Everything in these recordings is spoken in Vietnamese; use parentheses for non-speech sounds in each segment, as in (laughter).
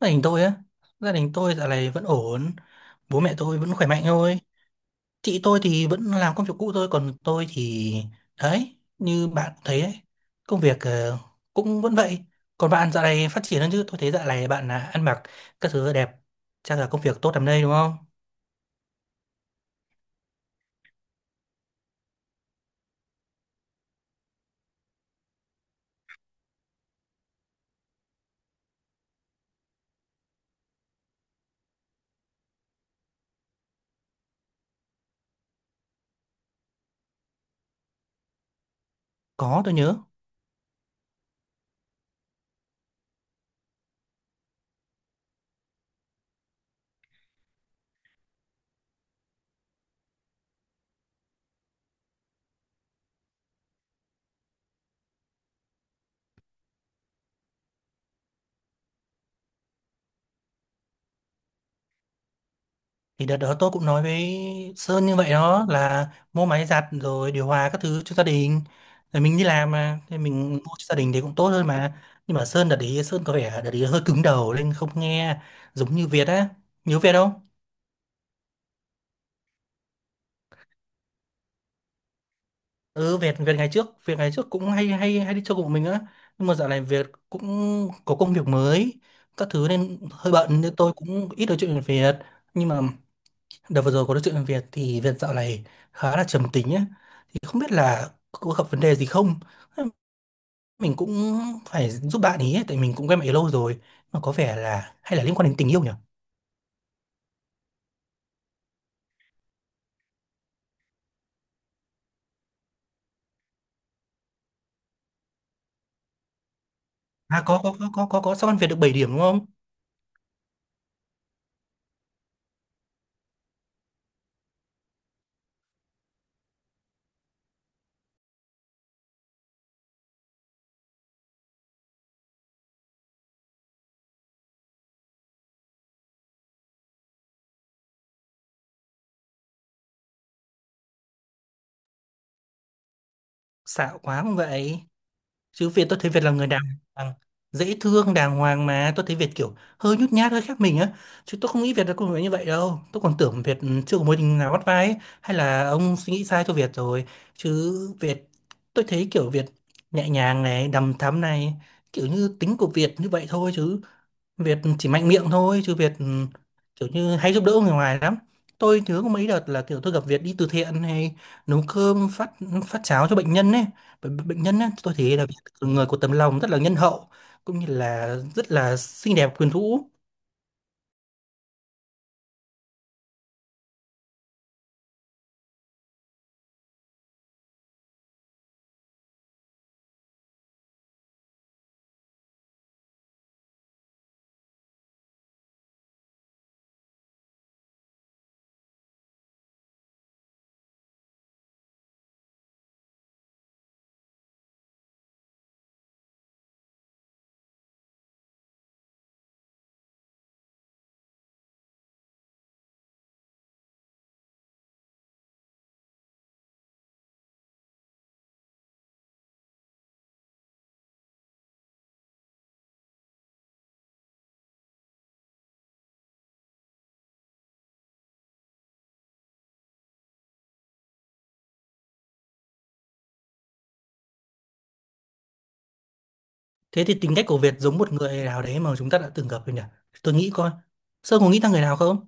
Gia đình tôi á, gia đình tôi dạo này vẫn ổn, bố mẹ tôi vẫn khỏe mạnh thôi. Chị tôi thì vẫn làm công việc cũ thôi, còn tôi thì đấy, như bạn thấy đấy, công việc cũng vẫn vậy. Còn bạn dạo này phát triển hơn chứ? Tôi thấy dạo này bạn là ăn mặc các thứ đẹp, chắc là công việc tốt lắm đây, đúng không? Có, tôi nhớ. Thì đợt đó tôi cũng nói với Sơn như vậy đó, là mua máy giặt rồi điều hòa các thứ cho gia đình. Rồi mình đi làm mà, thì mình mua cho gia đình thì cũng tốt hơn mà. Nhưng mà Sơn đợt đấy, Sơn có vẻ đợt đấy hơi cứng đầu nên không nghe, giống như Việt á. Nhớ Việt không? Ừ, Việt, Việt ngày trước cũng hay hay hay đi chơi cùng mình á. Nhưng mà dạo này Việt cũng có công việc mới, các thứ nên hơi bận nên tôi cũng ít nói chuyện với Việt. Nhưng mà đợt vừa rồi có nói chuyện với Việt thì Việt dạo này khá là trầm tính á, không biết là có gặp vấn đề gì không. Mình cũng phải giúp bạn ý, tại mình cũng quen bạn ấy lâu rồi, mà có vẻ là hay là liên quan đến tình yêu nhỉ. À có, có. Sao ăn Việt được 7 điểm đúng không? Xạo quá không vậy. Chứ Việt, tôi thấy Việt là người đàng hoàng, dễ thương, đàng hoàng mà. Tôi thấy Việt kiểu hơi nhút nhát, hơi khác mình á. Chứ tôi không nghĩ Việt là con người như vậy đâu. Tôi còn tưởng Việt chưa có mối tình nào bắt vai ấy. Hay là ông suy nghĩ sai cho Việt rồi. Chứ Việt, tôi thấy kiểu Việt nhẹ nhàng này, đằm thắm này. Kiểu như tính của Việt như vậy thôi chứ. Việt chỉ mạnh miệng thôi chứ Việt kiểu như hay giúp đỡ người ngoài lắm. Tôi nhớ có mấy đợt là kiểu tôi gặp Việt đi từ thiện hay nấu cơm phát phát cháo cho bệnh nhân ấy, bệnh nhân ấy, tôi thấy là Việt người có tấm lòng rất là nhân hậu, cũng như là rất là xinh đẹp quyến rũ. Thế thì tính cách của Việt giống một người nào đấy mà chúng ta đã từng gặp rồi nhỉ. Tôi nghĩ coi, Sơn có nghĩ ra người nào không?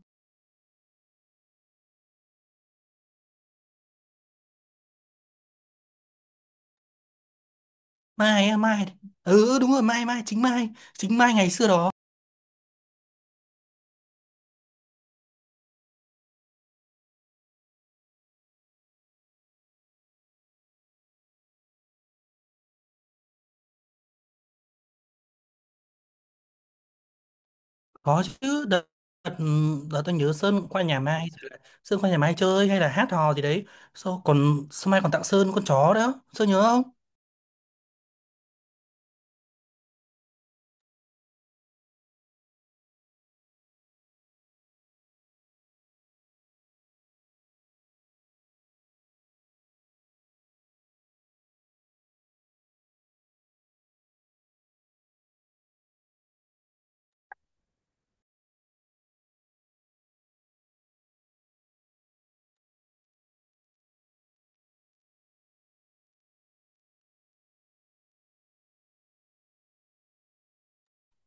Mai á, Mai, ừ đúng rồi, Mai, chính Mai chính Mai ngày xưa đó. Có chứ, đợt, đợt tôi nhớ Sơn cũng qua nhà Mai, rồi là Sơn qua nhà Mai chơi hay là hát hò gì đấy. Sau còn sau Mai còn tặng Sơn con chó đó, Sơn nhớ không?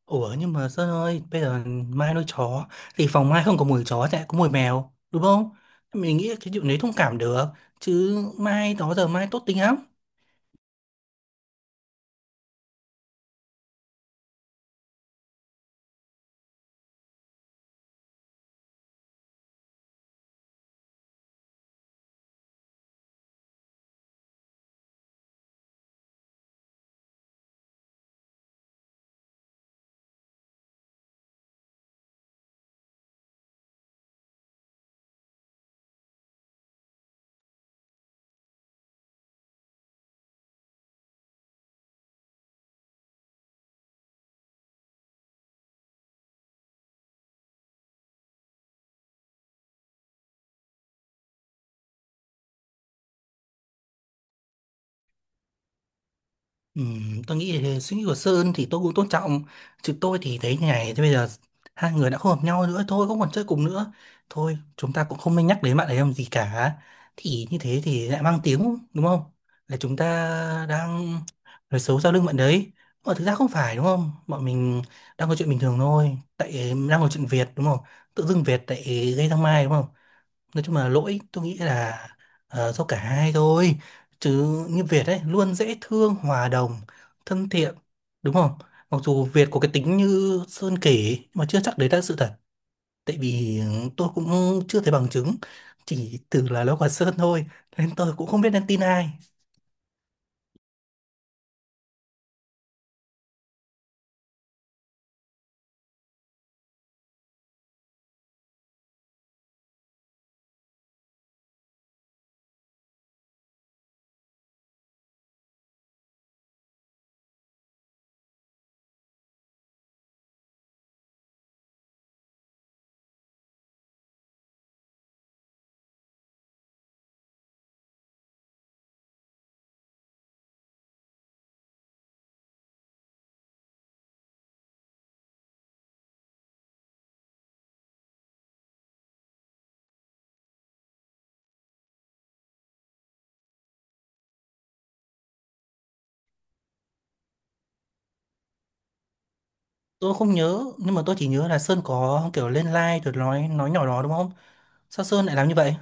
Ủa nhưng mà Sơn ơi, bây giờ Mai nuôi chó thì phòng Mai không có mùi chó chạy có mùi mèo, đúng không? Mình nghĩ là cái chuyện đấy thông cảm được, chứ Mai đó giờ Mai tốt tính lắm. Tôi nghĩ là suy nghĩ của Sơn thì tôi cũng tôn trọng, chứ tôi thì thấy như này. Thế bây giờ hai người đã không hợp nhau nữa thôi, không còn chơi cùng nữa thôi, chúng ta cũng không nên nhắc đến bạn ấy làm gì cả. Thì như thế thì lại mang tiếng đúng không, là chúng ta đang nói xấu sau lưng bạn đấy, mà thực ra không phải đúng không. Bọn mình đang có chuyện bình thường thôi, tại đang có chuyện Việt đúng không, tự dưng Việt lại gây ra Mai đúng không. Nói chung là lỗi tôi nghĩ là do cả hai thôi. Chứ như Việt ấy luôn dễ thương, hòa đồng, thân thiện, đúng không? Mặc dù Việt có cái tính như Sơn kể nhưng mà chưa chắc đấy là sự thật, tại vì tôi cũng chưa thấy bằng chứng, chỉ từ là nó của Sơn thôi, nên tôi cũng không biết nên tin ai. Tôi không nhớ, nhưng mà tôi chỉ nhớ là Sơn có kiểu lên live rồi nói nhỏ đó đúng không? Sao Sơn lại làm như vậy?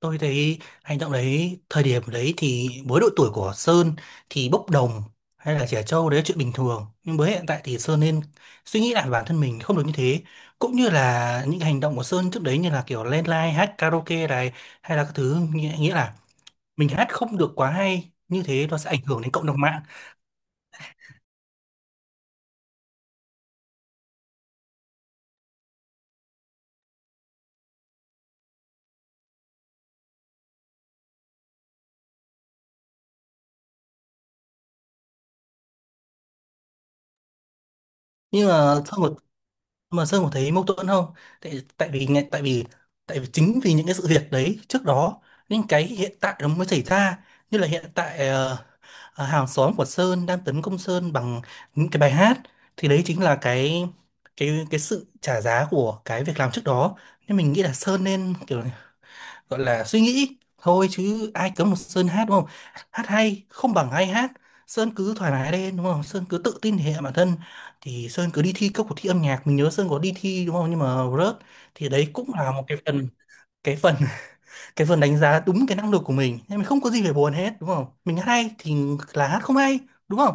Tôi thấy hành động đấy, thời điểm đấy thì với độ tuổi của Sơn thì bốc đồng hay là trẻ trâu đấy là chuyện bình thường. Nhưng với hiện tại thì Sơn nên suy nghĩ lại, bản thân mình không được như thế. Cũng như là những hành động của Sơn trước đấy như là kiểu lên live hát karaoke này hay là các thứ, nghĩa là mình hát không được quá hay như thế nó sẽ ảnh hưởng đến cộng đồng mạng. Nhưng mà mà Sơn có thấy mâu thuẫn không? Tại, tại vì tại vì tại vì chính vì những cái sự việc đấy trước đó, những cái hiện tại nó mới xảy ra. Như là hiện tại hàng xóm của Sơn đang tấn công Sơn bằng những cái bài hát, thì đấy chính là cái sự trả giá của cái việc làm trước đó. Nên mình nghĩ là Sơn nên kiểu gọi là suy nghĩ thôi, chứ ai cấm một Sơn hát đúng không? Hát hay không bằng ai hát, Sơn cứ thoải mái lên đúng không, Sơn cứ tự tin thể hiện bản thân. Thì Sơn cứ đi thi các cuộc thi âm nhạc, mình nhớ Sơn có đi thi đúng không, nhưng mà rớt. Thì đấy cũng là một cái phần (laughs) cái phần đánh giá đúng cái năng lực của mình, nên mình không có gì phải buồn hết đúng không. Mình hát hay thì là hát, không hay đúng không.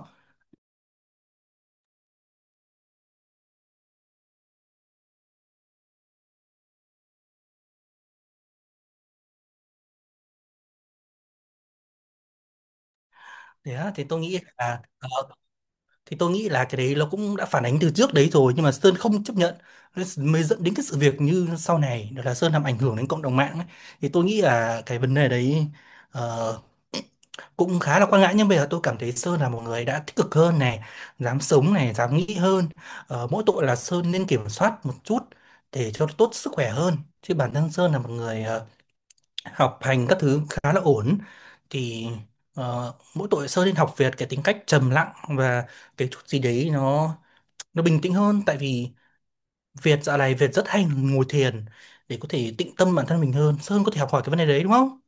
Thế á, thì tôi nghĩ là cái đấy nó cũng đã phản ánh từ trước đấy rồi, nhưng mà Sơn không chấp nhận. Nên mới dẫn đến cái sự việc như sau này đó là Sơn làm ảnh hưởng đến cộng đồng mạng ấy. Thì tôi nghĩ là cái vấn đề đấy ờ, cũng khá là quan ngại, nhưng bây giờ tôi cảm thấy Sơn là một người đã tích cực hơn này, dám sống này, dám nghĩ hơn. Ờ, mỗi tội là Sơn nên kiểm soát một chút để cho tốt sức khỏe hơn. Chứ bản thân Sơn là một người học hành các thứ khá là ổn. Thì ờ, mỗi tội Sơn nên học Việt cái tính cách trầm lặng, và cái chút gì đấy nó bình tĩnh hơn. Tại vì Việt dạo này Việt rất hay ngồi thiền để có thể tịnh tâm bản thân mình hơn. Sơn có thể học hỏi cái vấn đề đấy đúng không?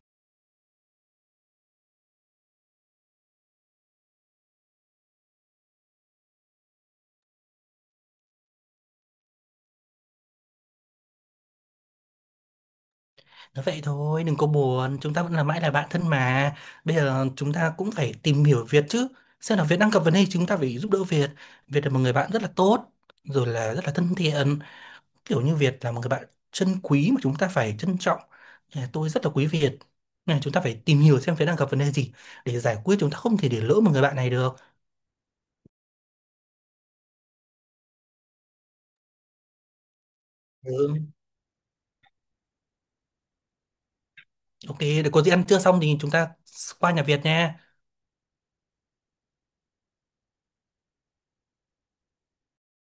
Nói vậy thôi, đừng có buồn, chúng ta vẫn là mãi là bạn thân mà. Bây giờ chúng ta cũng phải tìm hiểu Việt chứ. Xem là Việt đang gặp vấn đề, chúng ta phải giúp đỡ Việt. Việt là một người bạn rất là tốt, rồi là rất là thân thiện. Kiểu như Việt là một người bạn chân quý mà chúng ta phải trân trọng. Nhà tôi rất là quý Việt. Nên là chúng ta phải tìm hiểu xem Việt đang gặp vấn đề gì để giải quyết, chúng ta không thể để lỡ một người bạn này được. Ừ. Ok, để có gì ăn trưa xong thì chúng ta qua nhà Việt nha.